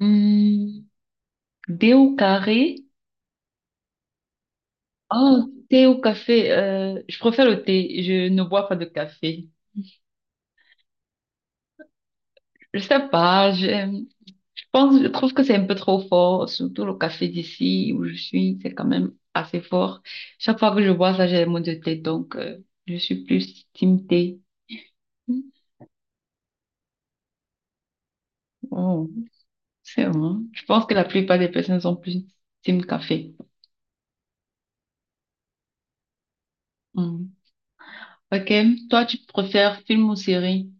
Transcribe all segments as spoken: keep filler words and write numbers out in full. Hmm, thé au carré. Oh, thé au café. Euh, je préfère le thé. Je ne bois pas de café. Je sais pas. Je, je pense, je trouve que c'est un peu trop fort. Surtout le café d'ici où je suis, c'est quand même assez fort. Chaque fois que je bois ça, j'ai les maux de tête. Donc, euh, je suis plus team thé. Hmm, oh, c'est vrai. Je pense que la plupart des personnes sont plus team café. Hmm. Ok. Toi, tu préfères film ou série?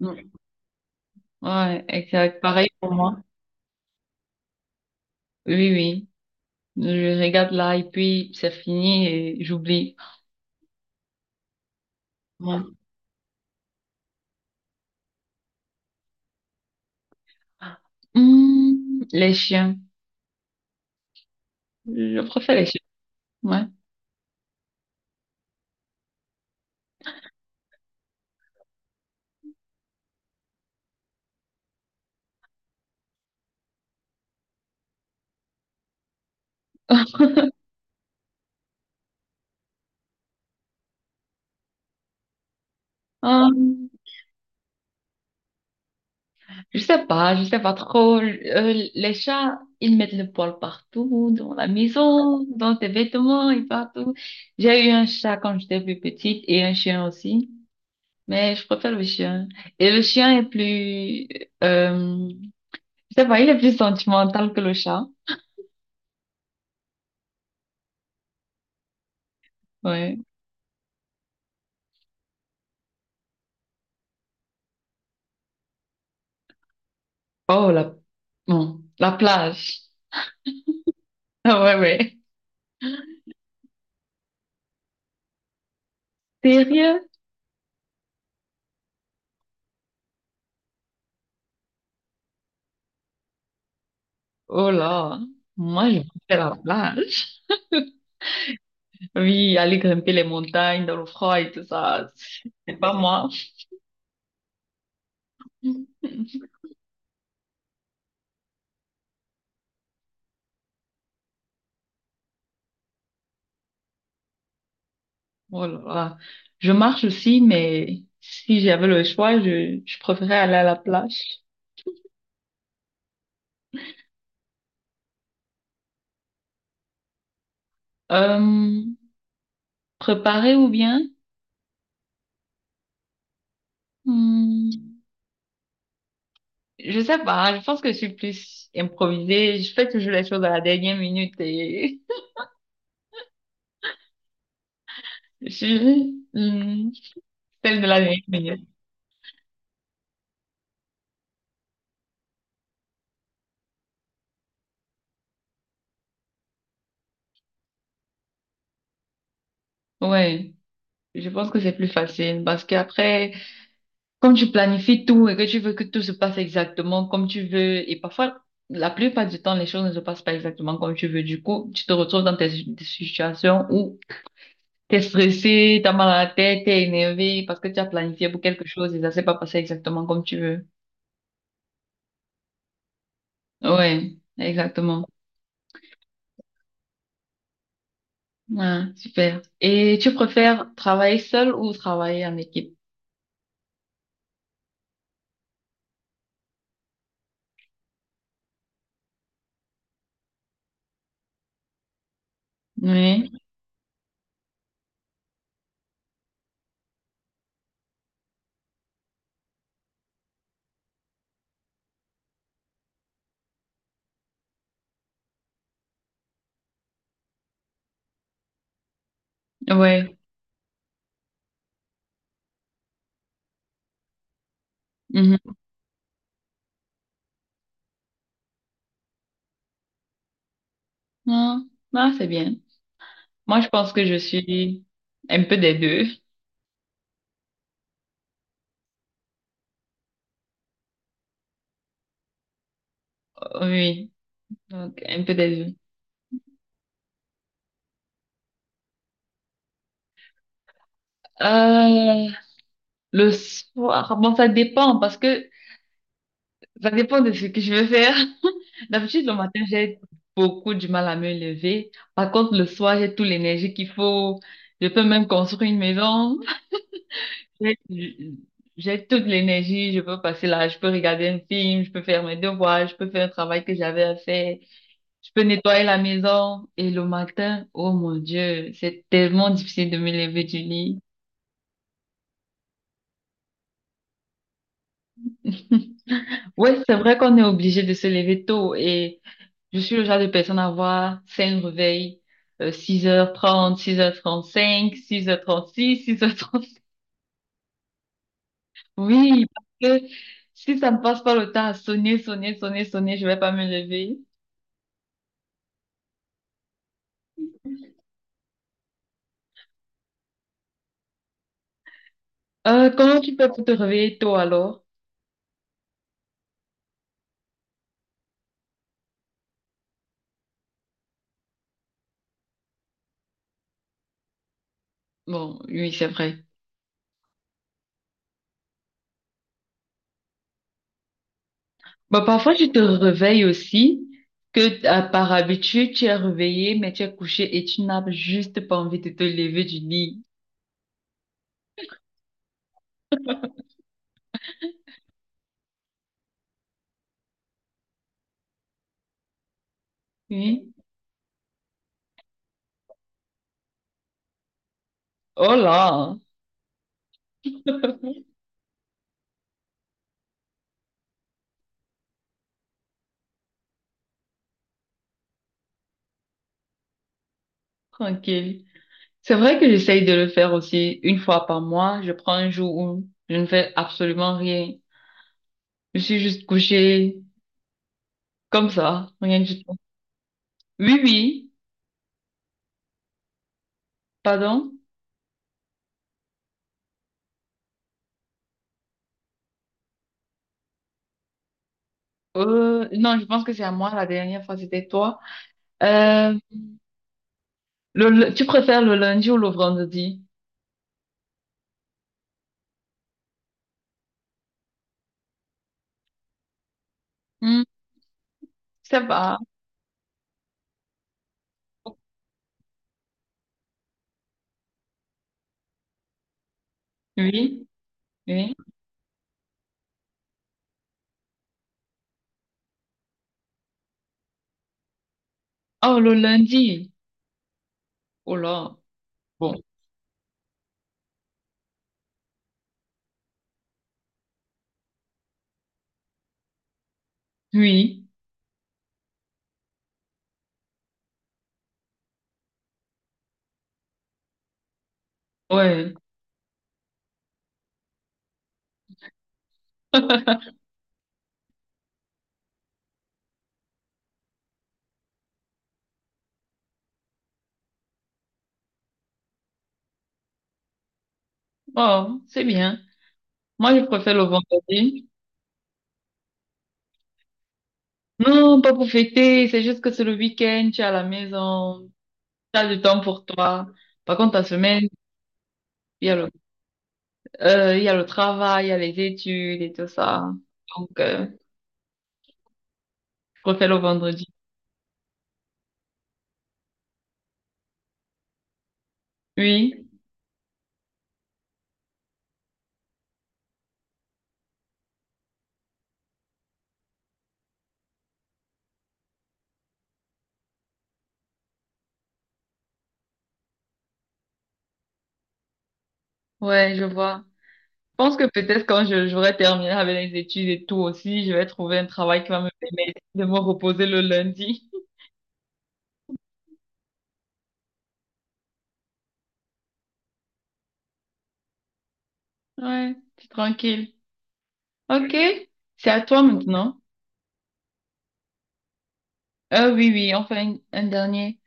Hmm. Ouais, exact. Pareil pour moi. Oui, oui. Je regarde là et puis c'est fini et j'oublie. Ouais. Hmm, les chiens. Je préfère les chiens. Ouais. Hum, je sais pas, je sais pas trop. Euh, les chats, ils mettent le poil partout, dans la maison, dans tes vêtements et partout. J'ai eu un chat quand j'étais plus petite et un chien aussi, mais je préfère le chien. Et le chien est plus, euh, je sais pas, il est plus sentimental que le chat. Ouais. Oh, la... bon, la plage. Ah ouais, ouais. Sérieux? Oh là, moi, je préfère la plage. Oui, aller grimper les montagnes dans le froid et tout ça, c'est pas moi. Oh là là. Je marche aussi, mais si j'avais le choix, je, je préférais aller à la plage. Euh, Préparer ou bien? Hmm, je sais pas, je pense que je suis plus improvisée. Je fais toujours les choses à la dernière minute et je suis... celle de la dernière minute. Ouais, je pense que c'est plus facile parce qu'après, quand tu planifies tout et que tu veux que tout se passe exactement comme tu veux, et parfois, la plupart du temps, les choses ne se passent pas exactement comme tu veux. Du coup, tu te retrouves dans tes des situations où t'es stressé, t'as mal à la tête, t'es énervé parce que tu as planifié pour quelque chose et ça s'est pas passé exactement comme tu veux. Ouais, exactement. Ouais, super. Et tu préfères travailler seul ou travailler en équipe? Oui, ouais. Mhm. Ah, ah, c'est bien. Moi, je pense que je suis un peu des deux. Oui, donc un peu des deux. Euh, le soir, bon, ça dépend parce que ça dépend de ce que je veux faire. D'habitude, le matin, j'ai beaucoup du mal à me lever. Par contre, le soir, j'ai toute l'énergie qu'il faut. Je peux même construire une maison. J'ai j'ai toute l'énergie. Je peux passer là, je peux regarder un film, je peux faire mes devoirs, je peux faire un travail que j'avais à faire. Je peux nettoyer la maison et le matin, oh mon Dieu, c'est tellement difficile de me lever du lit. Ouais, c'est vrai qu'on est obligé de se lever tôt et je suis le genre de personne à avoir cinq réveils, euh, six heures trente, six heures trente-cinq, six h six 6h36. Oui, parce que si ça ne passe pas le temps à sonner, sonner, sonner, sonner, je vais pas me lever. Euh, comment tu fais pour te réveiller tôt alors? Bon, oui, c'est vrai. Bah, parfois, tu te réveilles aussi, que à- par habitude, tu es réveillé, mais tu es couché et tu n'as juste pas envie de te lever du lit. Oui. Oh là, tranquille. C'est vrai que j'essaye de le faire aussi une fois par mois. Je prends un jour où je ne fais absolument rien. Je suis juste couché comme ça, rien du tout. Oui, oui, pardon. Euh, non, je pense que c'est à moi la dernière fois, c'était toi. Euh, le, le- Tu préfères le lundi ou le vendredi? Hmm, Ça va. Oui, oui. Oh, le lundi. Oh là. Bon. Oui. Ouais. Oh, c'est bien. Moi, je préfère le vendredi. Non, pas pour fêter. C'est juste que c'est le week-end. Tu es à la maison. Tu as du temps pour toi. Par contre, ta semaine, il y a le, euh, il y a le travail, il y a les études et tout ça. Donc, euh, je préfère le vendredi. Oui. Ouais, je vois. Je pense que peut-être quand je- j'aurai terminé avec les études et tout aussi, je vais trouver un travail qui va me permettre de me reposer le lundi. Ouais, c'est tranquille. Ok, c'est à toi maintenant. Euh, oui, oui, enfin un, un dernier.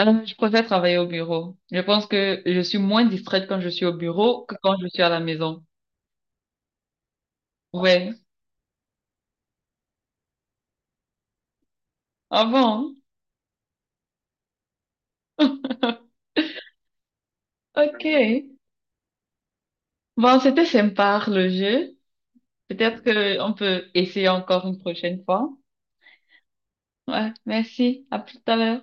Euh, je préfère travailler au bureau. Je pense que je suis moins distraite quand je suis au bureau que quand je suis à la maison. Ouais. Avant. Ok. Bon, c'était sympa le jeu. Peut-être que on peut essayer encore une prochaine fois. Ouais, merci. À plus tard.